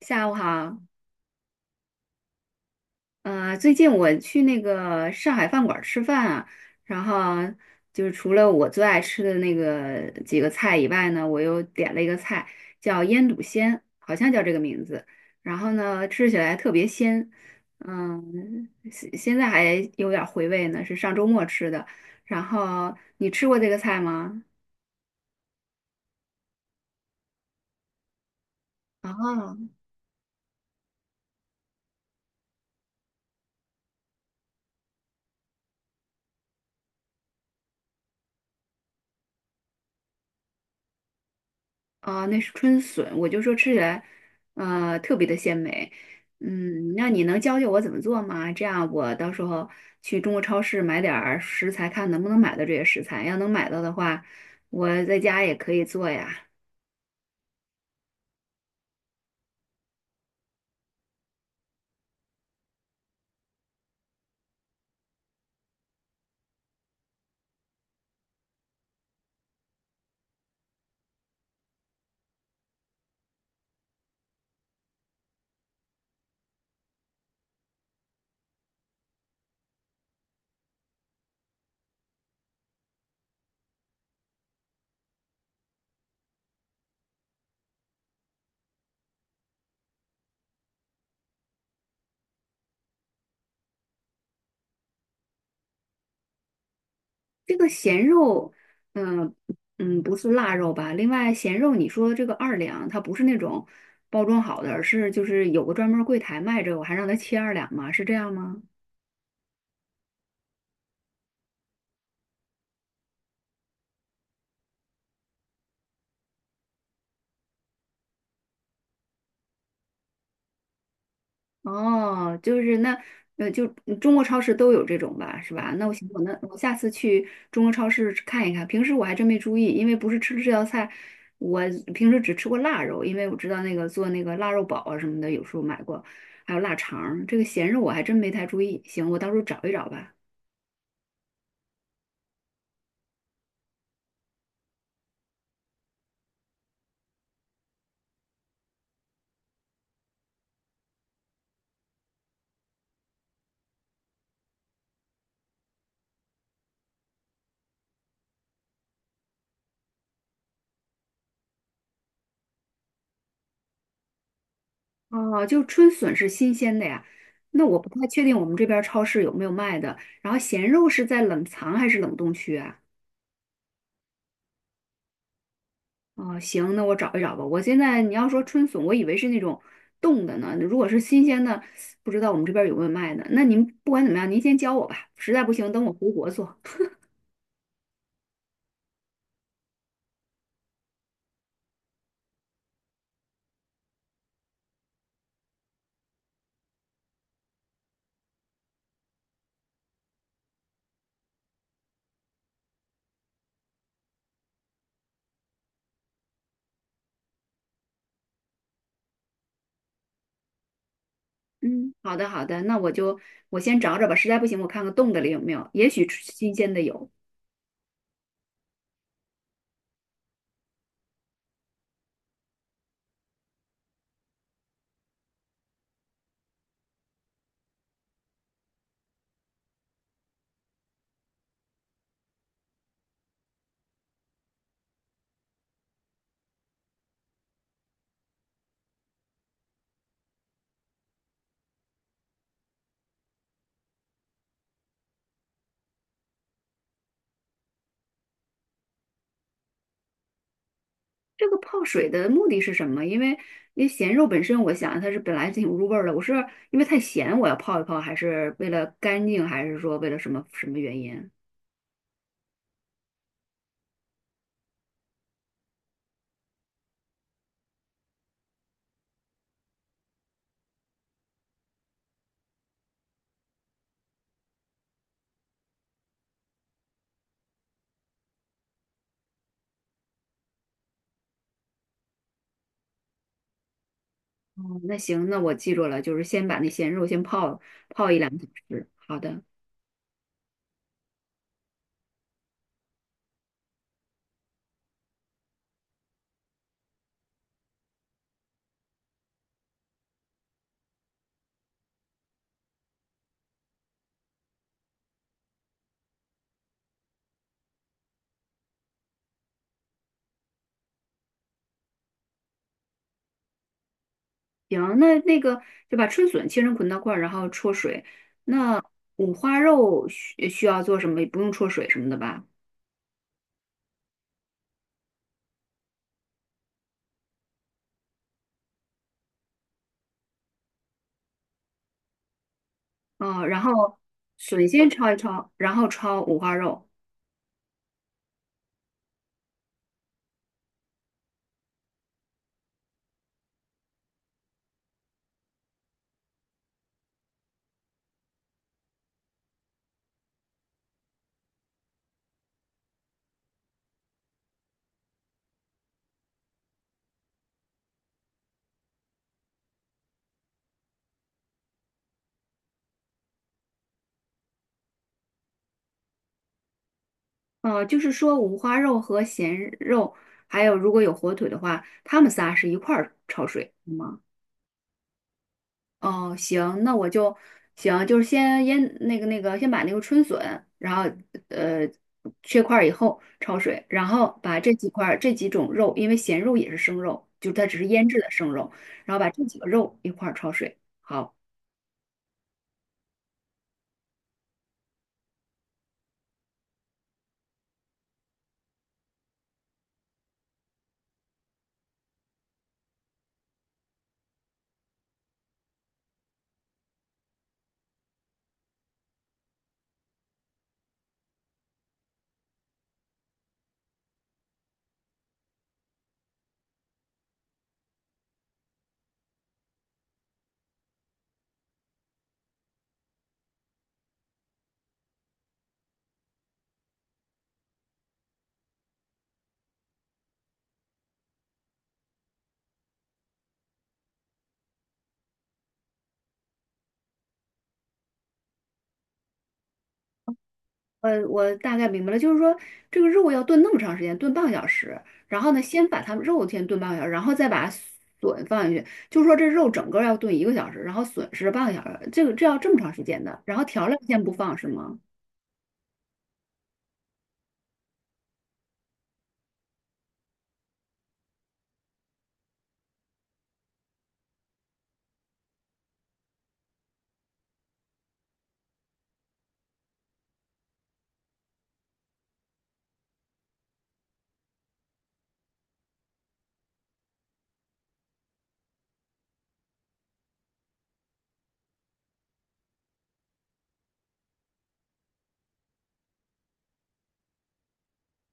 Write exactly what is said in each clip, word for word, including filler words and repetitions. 下午好，呃，最近我去那个上海饭馆儿吃饭啊，然后就是除了我最爱吃的那个几个菜以外呢，我又点了一个菜叫腌笃鲜，好像叫这个名字，然后呢吃起来特别鲜，嗯，现现在还有点儿回味呢，是上周末吃的。然后你吃过这个菜吗？啊。啊，那是春笋，我就说吃起来，呃，特别的鲜美。嗯，那你能教教我怎么做吗？这样我到时候去中国超市买点儿食材，看能不能买到这些食材。要能买到的话，我在家也可以做呀。这个咸肉，嗯嗯，不是腊肉吧？另外，咸肉你说这个二两，它不是那种包装好的，而是就是有个专门儿柜台卖这个我还让他切二两吗？是这样吗？哦，就是那，呃，就嗯中国超市都有这种吧，是吧？那我行，我那我下次去中国超市看一看。平时我还真没注意，因为不是吃这道菜，我平时只吃过腊肉，因为我知道那个做那个腊肉煲啊什么的，有时候买过，还有腊肠儿这个咸肉我还真没太注意。行，我到时候找一找吧。哦，就春笋是新鲜的呀，那我不太确定我们这边儿超市有没有卖的。然后咸肉是在冷藏还是冷冻区啊？哦，行，那我找一找吧。我现在你要说春笋，我以为是那种冻的呢。如果是新鲜的，不知道我们这边儿有没有卖的。那您不管怎么样，您先教我吧。实在不行，等我回国做。嗯，好的好的，那我就我先找找吧。实在不行，我看看冻的里有没有，也许吃新鲜的有。这个泡水的目的是什么？因为因为咸肉本身，我想它是本来就挺入味儿的。我是因为太咸，我要泡一泡，还是为了干净，还是说为了什么什么原因？哦，那行，那我记住了，就是先把那咸肉先泡泡一两个小时。好的，行，那那个就把春笋切成捆刀块儿，然后焯水。那五花肉需需要做什么？不用焯水什么的吧？啊、然后笋先焯一焯，然后焯五花肉。呃，就是说五花肉和咸肉，还有如果有火腿的话，它们仨是一块儿焯水，是吗？哦，行，那我就行，就是先腌那个那个，先把那个春笋，然后呃切块儿以后焯水，然后把这几块儿这几种肉，因为咸肉也是生肉，就它只是腌制的生肉，然后把这几个肉一块儿焯水。好，呃，我大概明白了，就是说这个肉要炖那么长时间，炖半个小时，然后呢，先把它们肉先炖半个小时，然后再把笋放进去，就是说这肉整个要炖一个小时，然后笋是半个小时，这个这要这么长时间的，然后调料先不放是吗？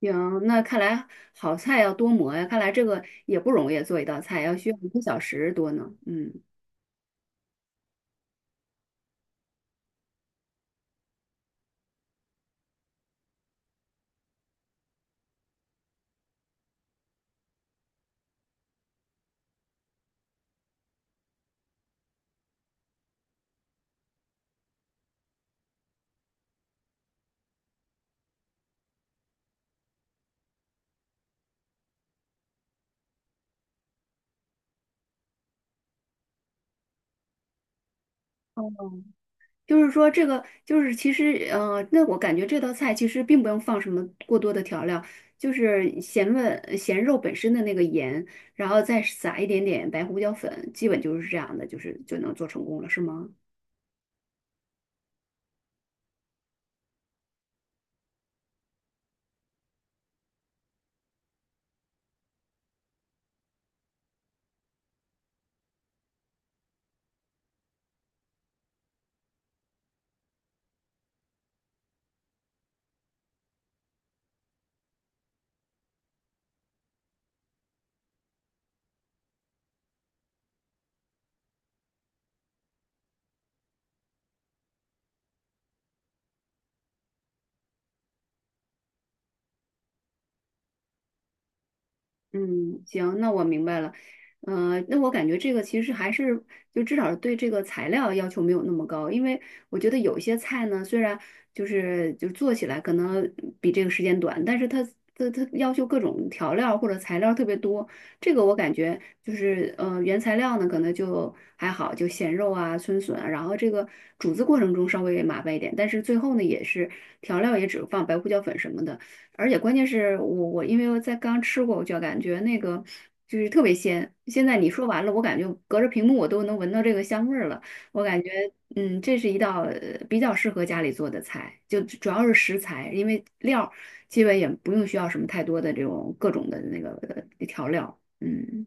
行，那看来好菜要多磨呀，看来这个也不容易做一道菜，要需要一个小时多呢。嗯，哦，就是说这个就是其实呃，那我感觉这道菜其实并不用放什么过多的调料，就是咸味、咸肉本身的那个盐，然后再撒一点点白胡椒粉，基本就是这样的，就是就能做成功了，是吗？嗯，行，那我明白了。呃，那我感觉这个其实还是就至少对这个材料要求没有那么高，因为我觉得有一些菜呢，虽然就是就做起来可能比这个时间短，但是它它它要求各种调料或者材料特别多，这个我感觉就是呃原材料呢可能就还好，就咸肉啊、春笋啊，然后这个煮制过程中稍微麻烦一点，但是最后呢也是调料也只放白胡椒粉什么的。而且关键是我我因为我在刚吃过，我就感觉那个就是特别鲜。现在你说完了，我感觉隔着屏幕我都能闻到这个香味儿了。我感觉嗯，这是一道呃比较适合家里做的菜，就主要是食材，因为料儿基本也不用需要什么太多的这种各种的那个呃调料。嗯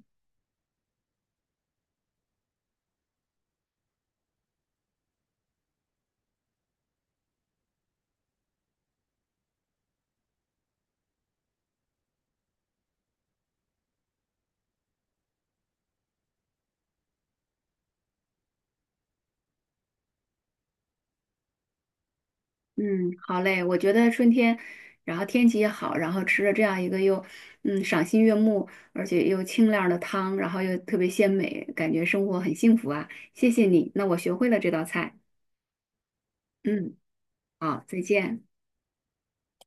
嗯，好嘞，我觉得春天，然后天气也好，然后吃了这样一个又嗯赏心悦目，而且又清亮的汤，然后又特别鲜美，感觉生活很幸福啊！谢谢你，那我学会了这道菜。嗯，好，再见。